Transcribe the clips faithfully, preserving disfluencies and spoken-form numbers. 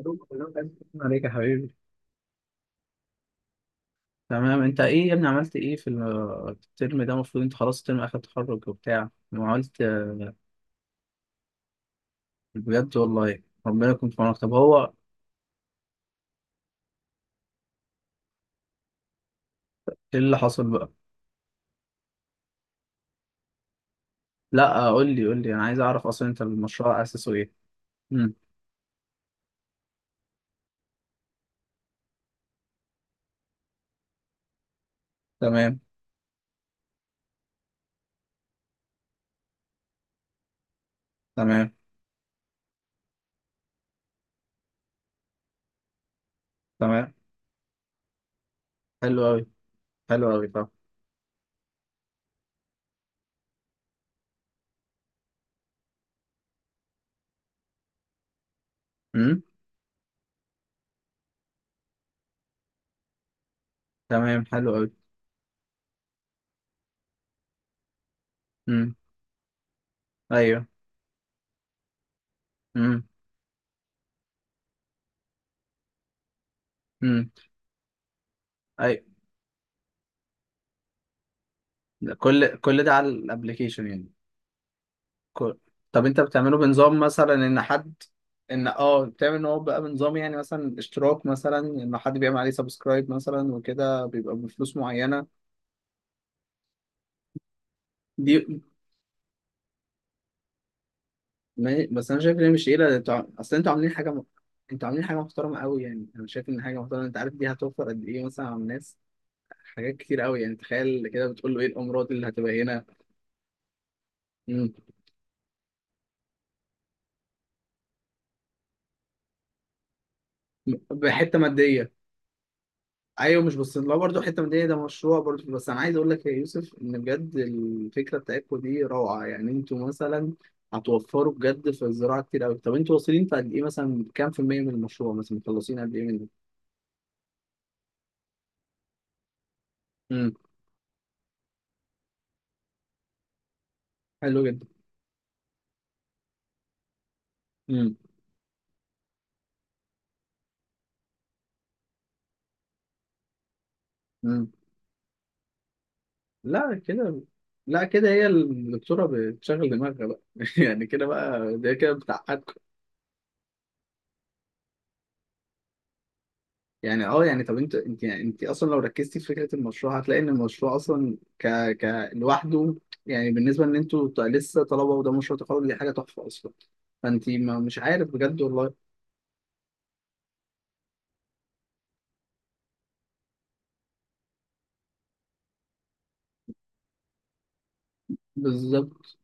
شكرا عليك، يا حبيبي. تمام، انت ايه يا ابني؟ عملت ايه في الترم ده؟ المفروض انت خلاص ترم اخر تخرج وبتاع. ما عملت؟ بجد؟ والله ربنا يكون في عونك. طب هو ايه اللي حصل بقى؟ لا، قول لي قول لي، انا عايز اعرف. اصلا انت المشروع اسسه ايه؟ امم. تمام. تمام. تمام، حلو قوي، حلو قوي. طب. امم. تمام، حلو قوي. امم. ايوه. امم. امم. ايوه. كل كل ده على الابلكيشن يعني. كو- طب انت بتعمله بنظام مثلا، ان حد ان اه بتعمل ان هو بقى بنظام، يعني مثلا اشتراك، مثلا ان حد بيعمل عليه سبسكرايب مثلا وكده بيبقى بفلوس معينه. دي ما- بس انا شايف ان هي مش قليله. ده انتوا عم- اصل انتوا عاملين حاجه م... انتوا عاملين حاجه محترمه قوي، يعني انا شايف ان حاجه محترمه. انت عارف، دي هتوفر قد ايه مثلا على الناس؟ حاجات كتير قوي. يعني تخيل كده بتقول له ايه الامراض اللي هتبقى هنا. مم. بحته ماديه. ايوه، مش بس لو برضه حته من دي، ده مشروع برضه. بس انا عايز اقول لك يا يوسف ان بجد الفكره بتاعتكم دي روعه. يعني انتوا مثلا هتوفروا بجد في الزراعه كتير قوي. طب انتوا واصلين في قد ايه؟ مثلا كام في الميه من المشروع؟ مثلا مخلصين قد ايه منه؟ امم. حلو جدا. امم. امم. لا، كده. لا، كده هي الدكتوره بتشغل دماغها بقى. يعني كده بقى، ده كده بتاع. يعني اه يعني، طب انت انت يعني انت اصلا لو ركزتي في فكره المشروع هتلاقي ان المشروع اصلا ك ك لوحده. يعني بالنسبه ان انتوا ط- لسه طلبه، وده مشروع تخرج، دي حاجه تحفه اصلا. فانت ما مش عارف، بجد والله. بالظبط،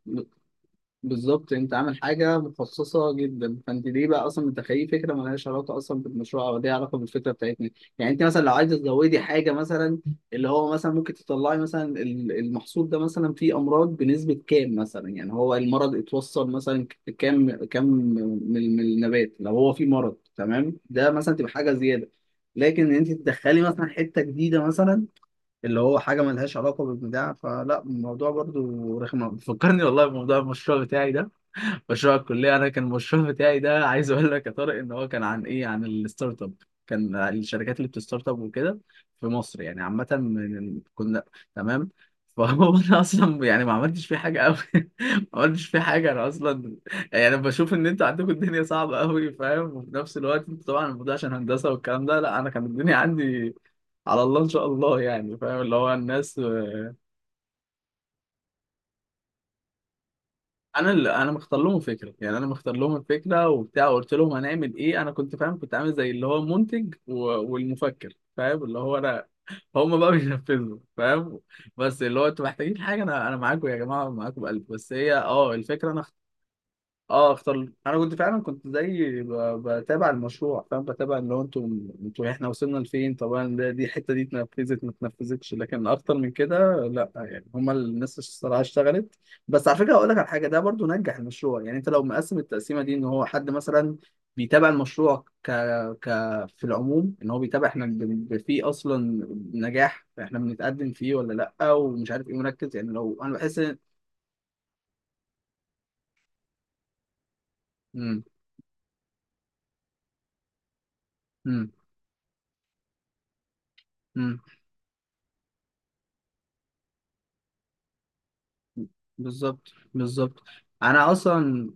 بالظبط. انت عامل حاجه مخصصه جدا. فانت ليه بقى اصلا متخيل فكره مالهاش علاقه اصلا بالمشروع او ليها علاقه بالفكره بتاعتنا؟ يعني انت مثلا لو عايزه تزودي حاجه مثلا، اللي هو مثلا ممكن تطلعي مثلا ال- المحصول ده مثلا فيه امراض بنسبه كام، مثلا يعني هو المرض اتوصل مثلا ك- كام كام من من النبات، لو هو فيه مرض، تمام؟ ده مثلا تبقى حاجه زياده. لكن انت تدخلي مثلا حته جديده مثلا، اللي هو حاجه ملهاش علاقه بالبتاع. فلا، الموضوع برضو رخم، بيفكرني والله بموضوع المشروع بتاعي ده، مشروع الكليه. انا كان المشروع بتاعي ده، عايز اقول لك يا طارق، ان هو كان عن ايه؟ عن الستارت اب. كان الشركات اللي بتستارت اب وكده في مصر، يعني عامه. من- كنا تمام. فهو انا اصلا يعني ما عملتش فيه حاجه قوي. ما عملتش فيه حاجه انا اصلا. يعني بشوف ان انتوا عندكم الدنيا صعبه قوي، فاهم؟ وفي نفس الوقت انتوا طبعا الموضوع عشان هندسه والكلام ده. لا انا كان الدنيا عندي على الله ان شاء الله، يعني فاهم اللي هو الناس. انا اللي انا مختار لهم الفكره، يعني انا مختار لهم الفكره وبتاع. وقلت لهم هنعمل ايه. انا كنت فاهم، كنت عامل زي اللي هو المنتج و... والمفكر، فاهم اللي هو انا. هم بقى بينفذوا، فاهم؟ بس اللي هو انتوا محتاجين حاجه، انا انا معاكم يا جماعه، معاكم بقلب، بس هي اه الفكره انا. اه، اختار. انا كنت فعلا، كنت زي ب- بتابع المشروع، فاهم؟ بتابع اللي هو انتوا انتوا احنا وصلنا لفين. طبعا ده دي الحته دي اتنفذت ما اتنفذتش، لكن اكتر من كده لا. يعني هما الناس الصراحه اشتغلت. بس على فكره، هقول لك على حاجه. ده برضو نجح المشروع. يعني انت لو مقسم التقسيمه دي، ان هو حد مثلا بيتابع المشروع ك... ك في العموم ان هو بيتابع، احنا ب... ب- فيه اصلا نجاح احنا بنتقدم فيه ولا؟ لا، ومش عارف ايه، مركز يعني، لو انا بحس ان. مم. مم. بالظبط، بالظبط. انا اصلا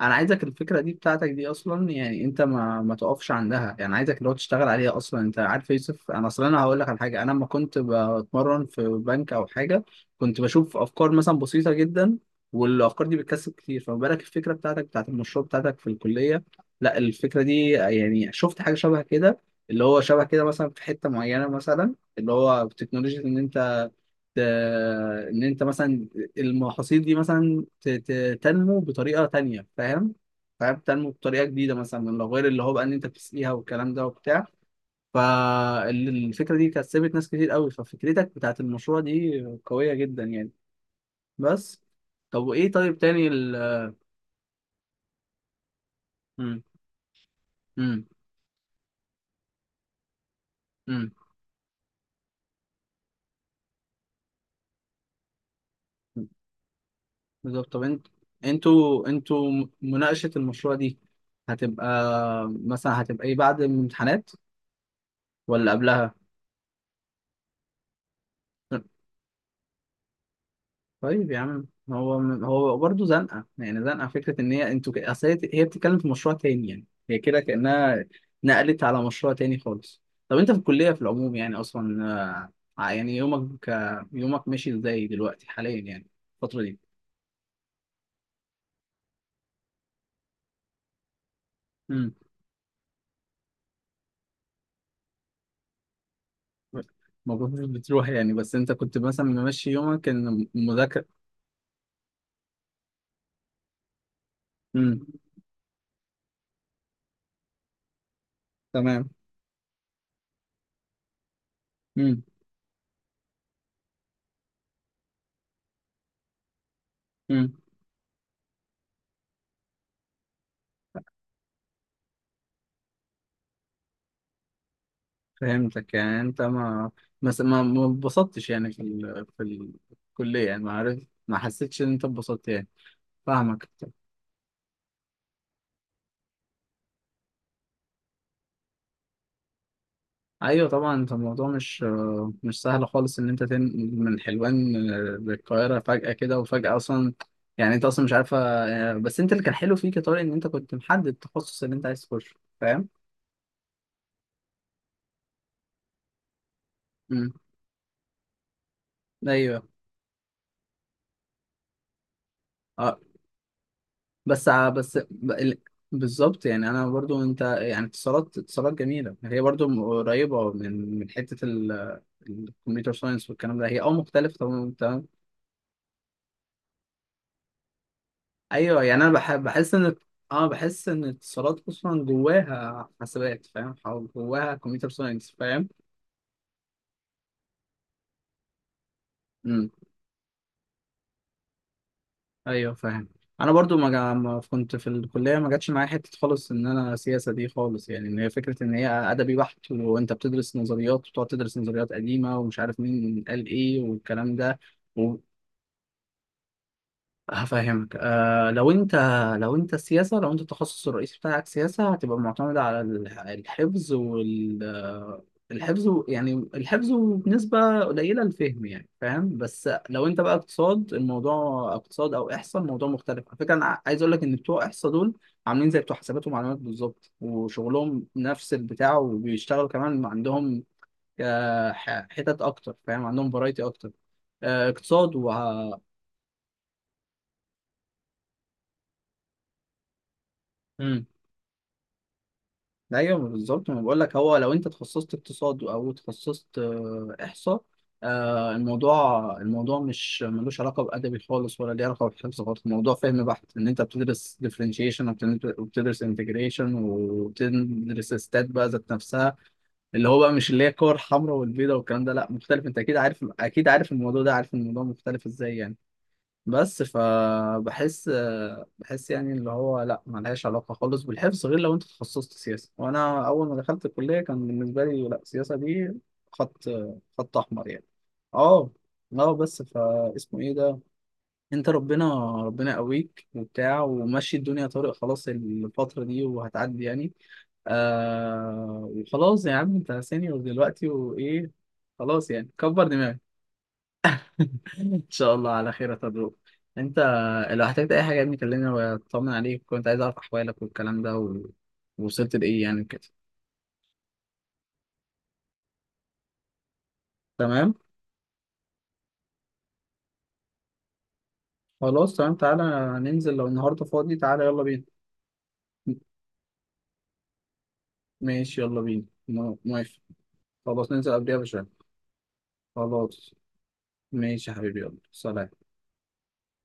انا عايزك الفكره دي بتاعتك دي اصلا، يعني انت ما ما تقفش عندها. يعني عايزك اللي هو تشتغل عليها اصلا. انت عارف يا يوسف، انا اصلا انا هقول لك على حاجه. انا لما كنت بتمرن في بنك او حاجه كنت بشوف افكار مثلا بسيطه جدا، والافكار دي بتكسب كتير. فما بالك الفكره بتاعتك بتاعت المشروع بتاعتك في الكليه؟ لا، الفكره دي يعني شفت حاجه شبه كده، اللي هو شبه كده مثلا في حته معينه، مثلا اللي هو تكنولوجيا، ان انت آه، ان انت مثلا المحاصيل دي مثلا ت- ت- تنمو بطريقه تانية، فاهم؟ فاهم تنمو بطريقه جديده، مثلا من لو غير اللي هو بقى ان انت بتسقيها والكلام ده وبتاع. فالفكره دي كسبت ناس كتير قوي. ففكرتك بتاعت المشروع دي قويه جدا يعني. بس طب، وايه؟ طيب تاني ال مم. مم. مم. مم. بالظبط، طب انت انتوا انتوا م- مناقشه المشروع دي هتبقى مثلا هتبقى ايه بعد الامتحانات؟ ولا قبلها؟ طيب يا عم، هو من هو برضه زنقه. يعني زنقه فكره، ان هي انتوا ك- اصل هي هي بتتكلم في مشروع تاني، يعني هي كده كانها نقلت على مشروع تاني خالص. طب انت في الكليه في العموم يعني اصلا آه، ع- يعني يومك، آه، يومك ماشي ازاي دلوقتي حاليا، يعني الفتره دي؟ امم. المفروض مش بتروح، يعني بس انت كنت مثلا ممشي يومك ان مذاكره؟ امم. تمام. امم. فهمتك، يعني انت ما ما ما ما اتبسطتش، يعني في ال... في الكلية، يعني ما عرفت، ما حسيتش ان انت اتبسطت يعني. فاهمك. ايوه طبعا، انت الموضوع مش آه، مش سهل خالص ان انت تنقل من حلوان آه، للقاهرة فجأة كده، وفجأة اصلا يعني انت اصلا مش عارفة. آه، بس انت اللي كان حلو فيك يا طارق، ان انت كنت محدد التخصص اللي انت عايز تخشه. فاهم؟ امم. ايوه. اه، بس ع- بس ب- ال- بالظبط، يعني انا برضو انت يعني اتصالات، اتصالات جميله. هي برضو م- قريبه من من حته ال- الكمبيوتر ساينس والكلام ده. هي اه مختلفه تمام تمام. ايوه، يعني انا بحب بحس ان اه، بحس ان اتصالات اصلا جواها حاسبات، فاهم؟ أو جواها كمبيوتر ساينس، فاهم؟ إمم. ايوه، فاهم. انا برضو ما, جا... ما كنت في الكليه، ما جاتش معايا حته خالص ان انا سياسه دي خالص، يعني ان هي فكره ان هي ادبي بحت، وانت بتدرس نظريات وتقعد تدرس نظريات قديمه ومش عارف مين قال ايه والكلام ده. هفهمك، آه لو انت لو انت السياسة لو انت التخصص الرئيسي بتاعك سياسة، هتبقى معتمدة على الح- الحفظ وال آه، الحفظ و- يعني الحفظ بنسبة قليلة، الفهم يعني فاهم. بس لو انت بقى اقتصاد، الموضوع اقتصاد او احصاء، الموضوع مختلف على فكرة. انا ع- عايز اقول لك ان بتوع احصاء دول عاملين زي بتوع حسابات ومعلومات بالظبط، وشغلهم نفس البتاع وبيشتغلوا كمان. عندهم آه، ح- حتت اكتر، فاهم؟ عندهم فرايتي اكتر، آه، اقتصاد و مم. ايوه بالظبط، ما بقول لك. هو لو انت تخصصت اقتصاد او تخصصت آه، احصاء، آه، الموضوع الموضوع مش ملوش علاقه بادبي خالص ولا ليه علاقه بالحفظ خالص. الموضوع فهم بحت، ان انت بتدرس ديفرنشيشن وبتدرس انتجريشن وبتدرس ستات بقى ذات نفسها، اللي هو بقى مش اللي هي الكور الحمراء والبيضاء والكلام ده. لا مختلف، انت اكيد عارف، اكيد عارف الموضوع ده، عارف الموضوع مختلف ازاي يعني. بس فبحس، بحس يعني اللي هو لا، ملهاش علاقة خالص بالحفظ غير لو انت تخصصت سياسة. وانا اول ما دخلت الكلية كان بالنسبة لي، لا، السياسة دي خط خط احمر يعني. اه. اه، بس فاسمه ايه ده؟ انت ربنا ربنا قويك وبتاع، ومشي الدنيا طارق. خلاص الفترة دي وهتعدي يعني. آه وخلاص يا عم، انت سينيور دلوقتي وايه. خلاص يعني كبر دماغك. ان شاء الله على خير يا طارق. انت لو احتجت اي حاجه يا ابني كلمني واطمن عليك. كنت عايز اعرف احوالك والكلام ده و... ووصلت لايه يعني كده؟ تمام. خلاص، تمام، تعالى ننزل لو النهارده فاضي، تعالى يلا بينا. ماشي، يلا بينا، مو- موافق. خلاص، ننزل قبلها بشويه. خلاص. ماشي يا حبيبي، يلا سلام.